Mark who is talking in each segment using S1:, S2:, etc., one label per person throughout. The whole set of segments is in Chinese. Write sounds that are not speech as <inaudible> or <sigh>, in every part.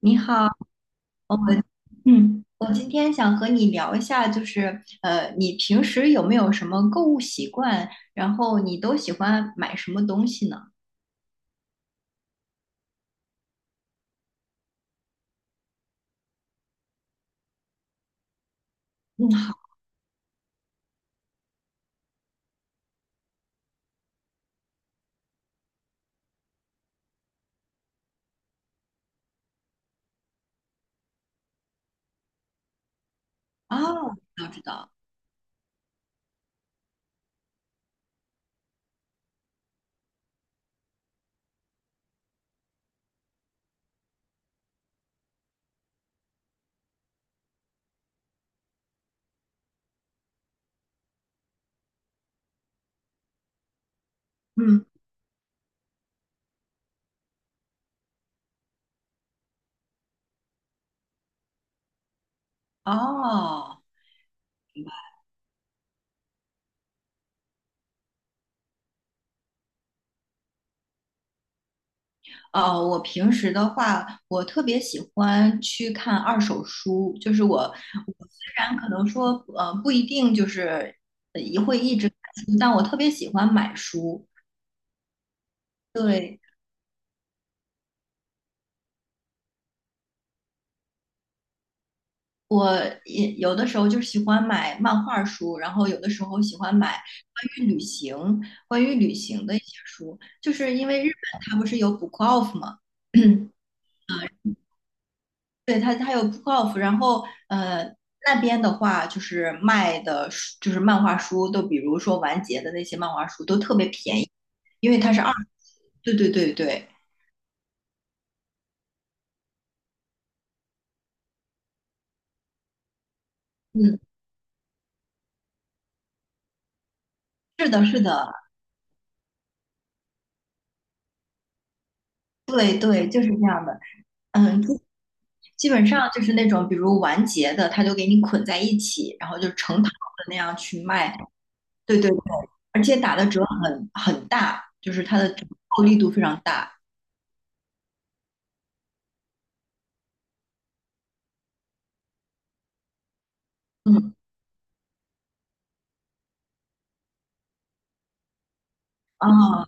S1: 你好，我我今天想和你聊一下，就是你平时有没有什么购物习惯？然后你都喜欢买什么东西呢？嗯，好，哦，知道知道，嗯，哦，哦，我平时的话，我特别喜欢去看二手书，就是我虽然可能说不一定就是也会一直看书，但我特别喜欢买书，对。我也有的时候就是喜欢买漫画书，然后有的时候喜欢买关于旅行、关于旅行的一些书，就是因为日本它不是有 Book Off 吗？<clears throat> 对，它有 Book Off，然后那边的话就是卖的书，就是漫画书，都比如说完结的那些漫画书都特别便宜，因为它是二，对对对对，嗯，是的，是的，对对，就是这样的，嗯。基本上就是那种比如完结的，他就给你捆在一起，然后就成套的那样去卖。对对对，而且打的折很大，就是它的折扣力度非常大。嗯啊，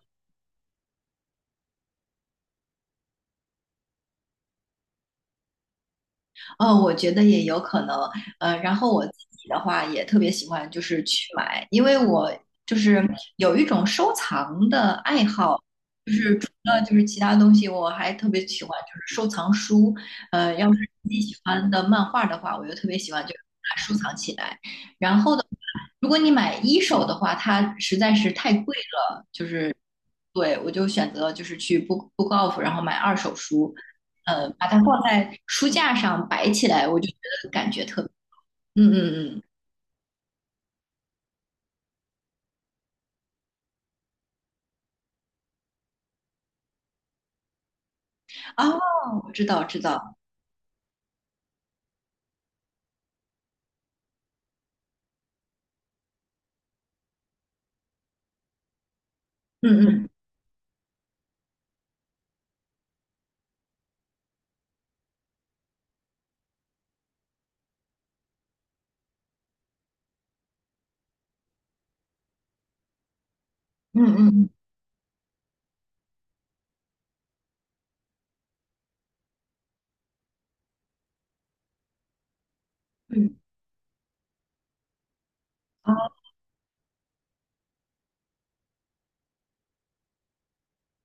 S1: 我觉得也有可能，然后我自己的话也特别喜欢，就是去买，因为我就是有一种收藏的爱好，就是除了就是其他东西，我还特别喜欢就是收藏书，要是自己喜欢的漫画的话，我就特别喜欢就是把它收藏起来。然后的话，如果你买一手的话，它实在是太贵了，就是对我就选择就是去 Book Off，然后买二手书。把它放在书架上摆起来，我就觉得感觉特别。嗯嗯嗯，哦，我知道知道，嗯嗯嗯嗯嗯，哦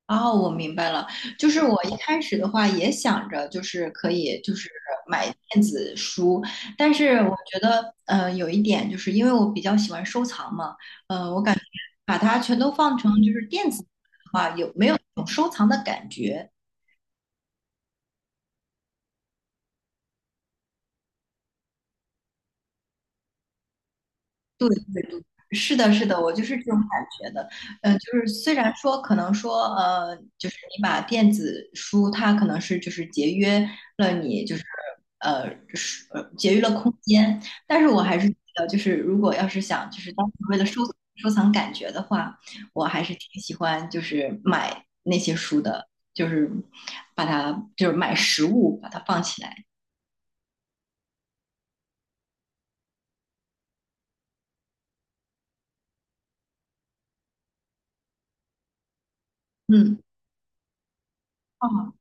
S1: 哦，我明白了。就是我一开始的话也想着，就是可以就是买电子书，但是我觉得有一点就是因为我比较喜欢收藏嘛，把它全都放成就是电子的话，有没有一种收藏的感觉？对对对，是的，是的，我就是这种感觉的。嗯、就是虽然说可能说就是你把电子书，它可能是就是节约了你就是呃是节约了空间，但是我还是觉得就是如果要是想就是当时为了收藏感觉的话，我还是挺喜欢就是买那些书的，就是把它就是买实物把它放起来。嗯，哦，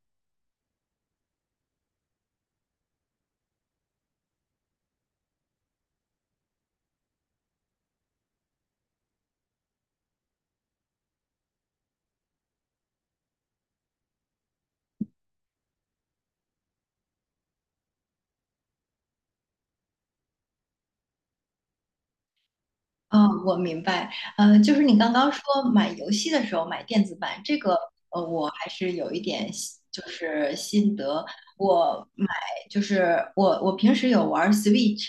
S1: 哦，我明白。就是你刚刚说买游戏的时候买电子版，这个我还是有一点就是心得。我买就是我平时有玩 Switch，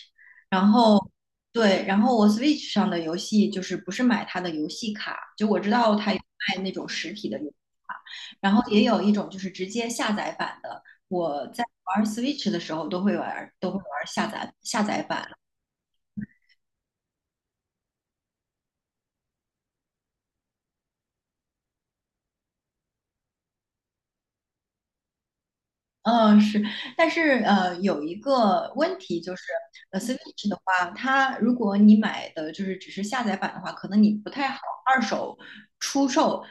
S1: 然后对，然后我 Switch 上的游戏就是不是买它的游戏卡，就我知道它有卖那种实体的游戏然后也有一种就是直接下载版的。我在玩 Switch 的时候都会玩，下载版。嗯，是，但是有一个问题就是，Switch 的话，它如果你买的就是只是下载版的话，可能你不太好二手出售。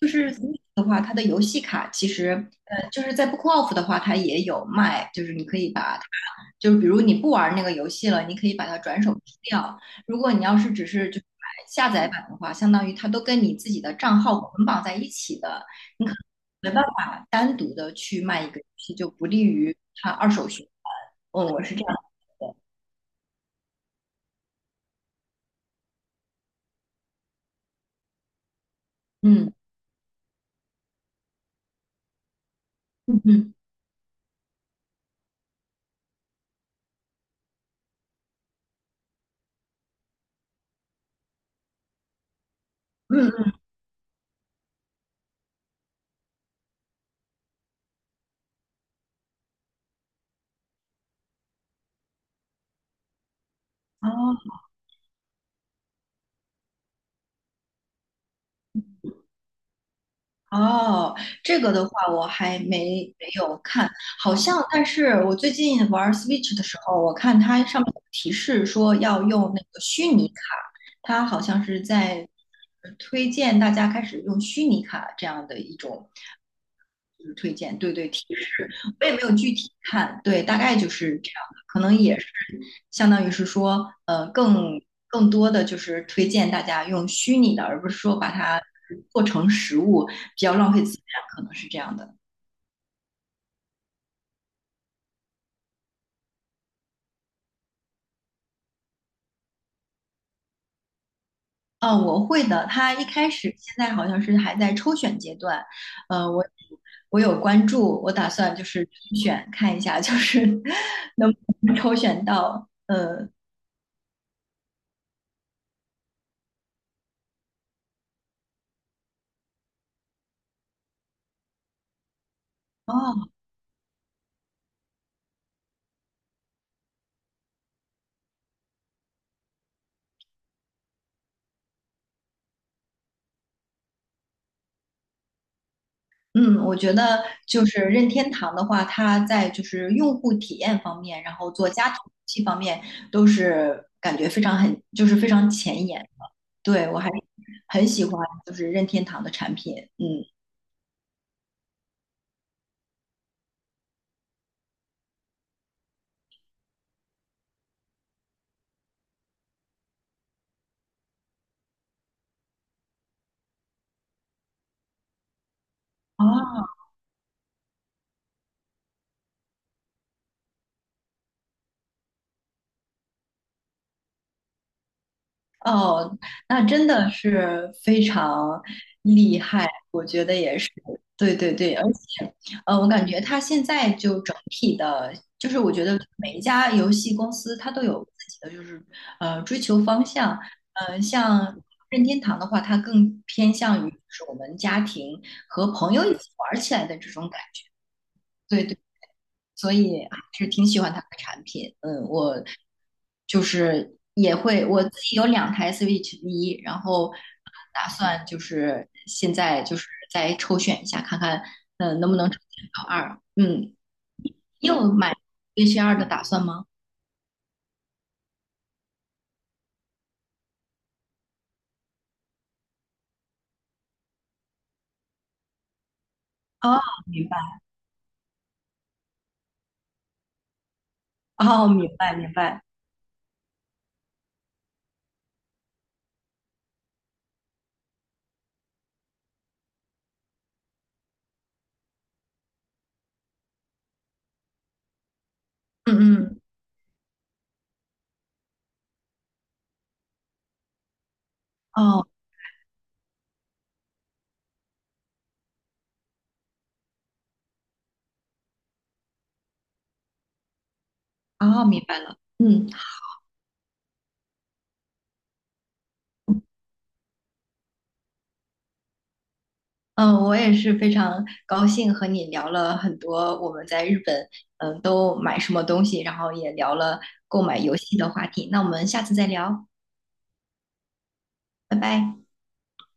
S1: 就是 Switch 的话，它的游戏卡其实，就是在 Bookoff 的话，它也有卖，就是你可以把它，就是比如你不玩那个游戏了，你可以把它转手出掉。如果你要是只是就是买下载版的话，相当于它都跟你自己的账号捆绑在一起的。你可。没办法单独的去卖一个游戏，就不利于它二手循环。嗯，我是这样觉得。嗯嗯嗯嗯嗯，哦。哦，这个的话我还没有看，好像，但是我最近玩 Switch 的时候，我看它上面有提示说要用那个虚拟卡，它好像是在推荐大家开始用虚拟卡这样的一种就是推荐，对对，提示，我也没有具体看，对，大概就是这样的，可能也是相当于是说，更多的就是推荐大家用虚拟的，而不是说把它做成实物。比较浪费资源，可能是这样的。啊，我会的。他一开始现在好像是还在抽选阶段，呃，我我有关注，我打算就是抽选看一下，就是 <laughs> 能不能抽选到。哦，嗯，我觉得就是任天堂的话，它在就是用户体验方面，然后做家庭游戏方面，都是感觉非常就是非常前沿。对，我还很喜欢就是任天堂的产品，嗯。哦哦，那真的是非常厉害，我觉得也是，对对对，而且，我感觉它现在就整体的，就是我觉得每一家游戏公司它都有自己的，就是追求方向，像任天堂的话，它更偏向于就是我们家庭和朋友一起玩儿起来的这种感觉，对对。所以还是挺喜欢它的产品。嗯，我就是也会我自己有2台 Switch 一，然后打算就是现在就是再抽选一下，看看能不能抽选到二。嗯，你有买 Switch 二的打算吗？哦，明白，哦，明白，明白，嗯嗯，哦，哦，明白了，嗯。嗯，我也是非常高兴和你聊了很多我们在日本，嗯，都买什么东西，然后也聊了购买游戏的话题。那我们下次再聊，拜拜。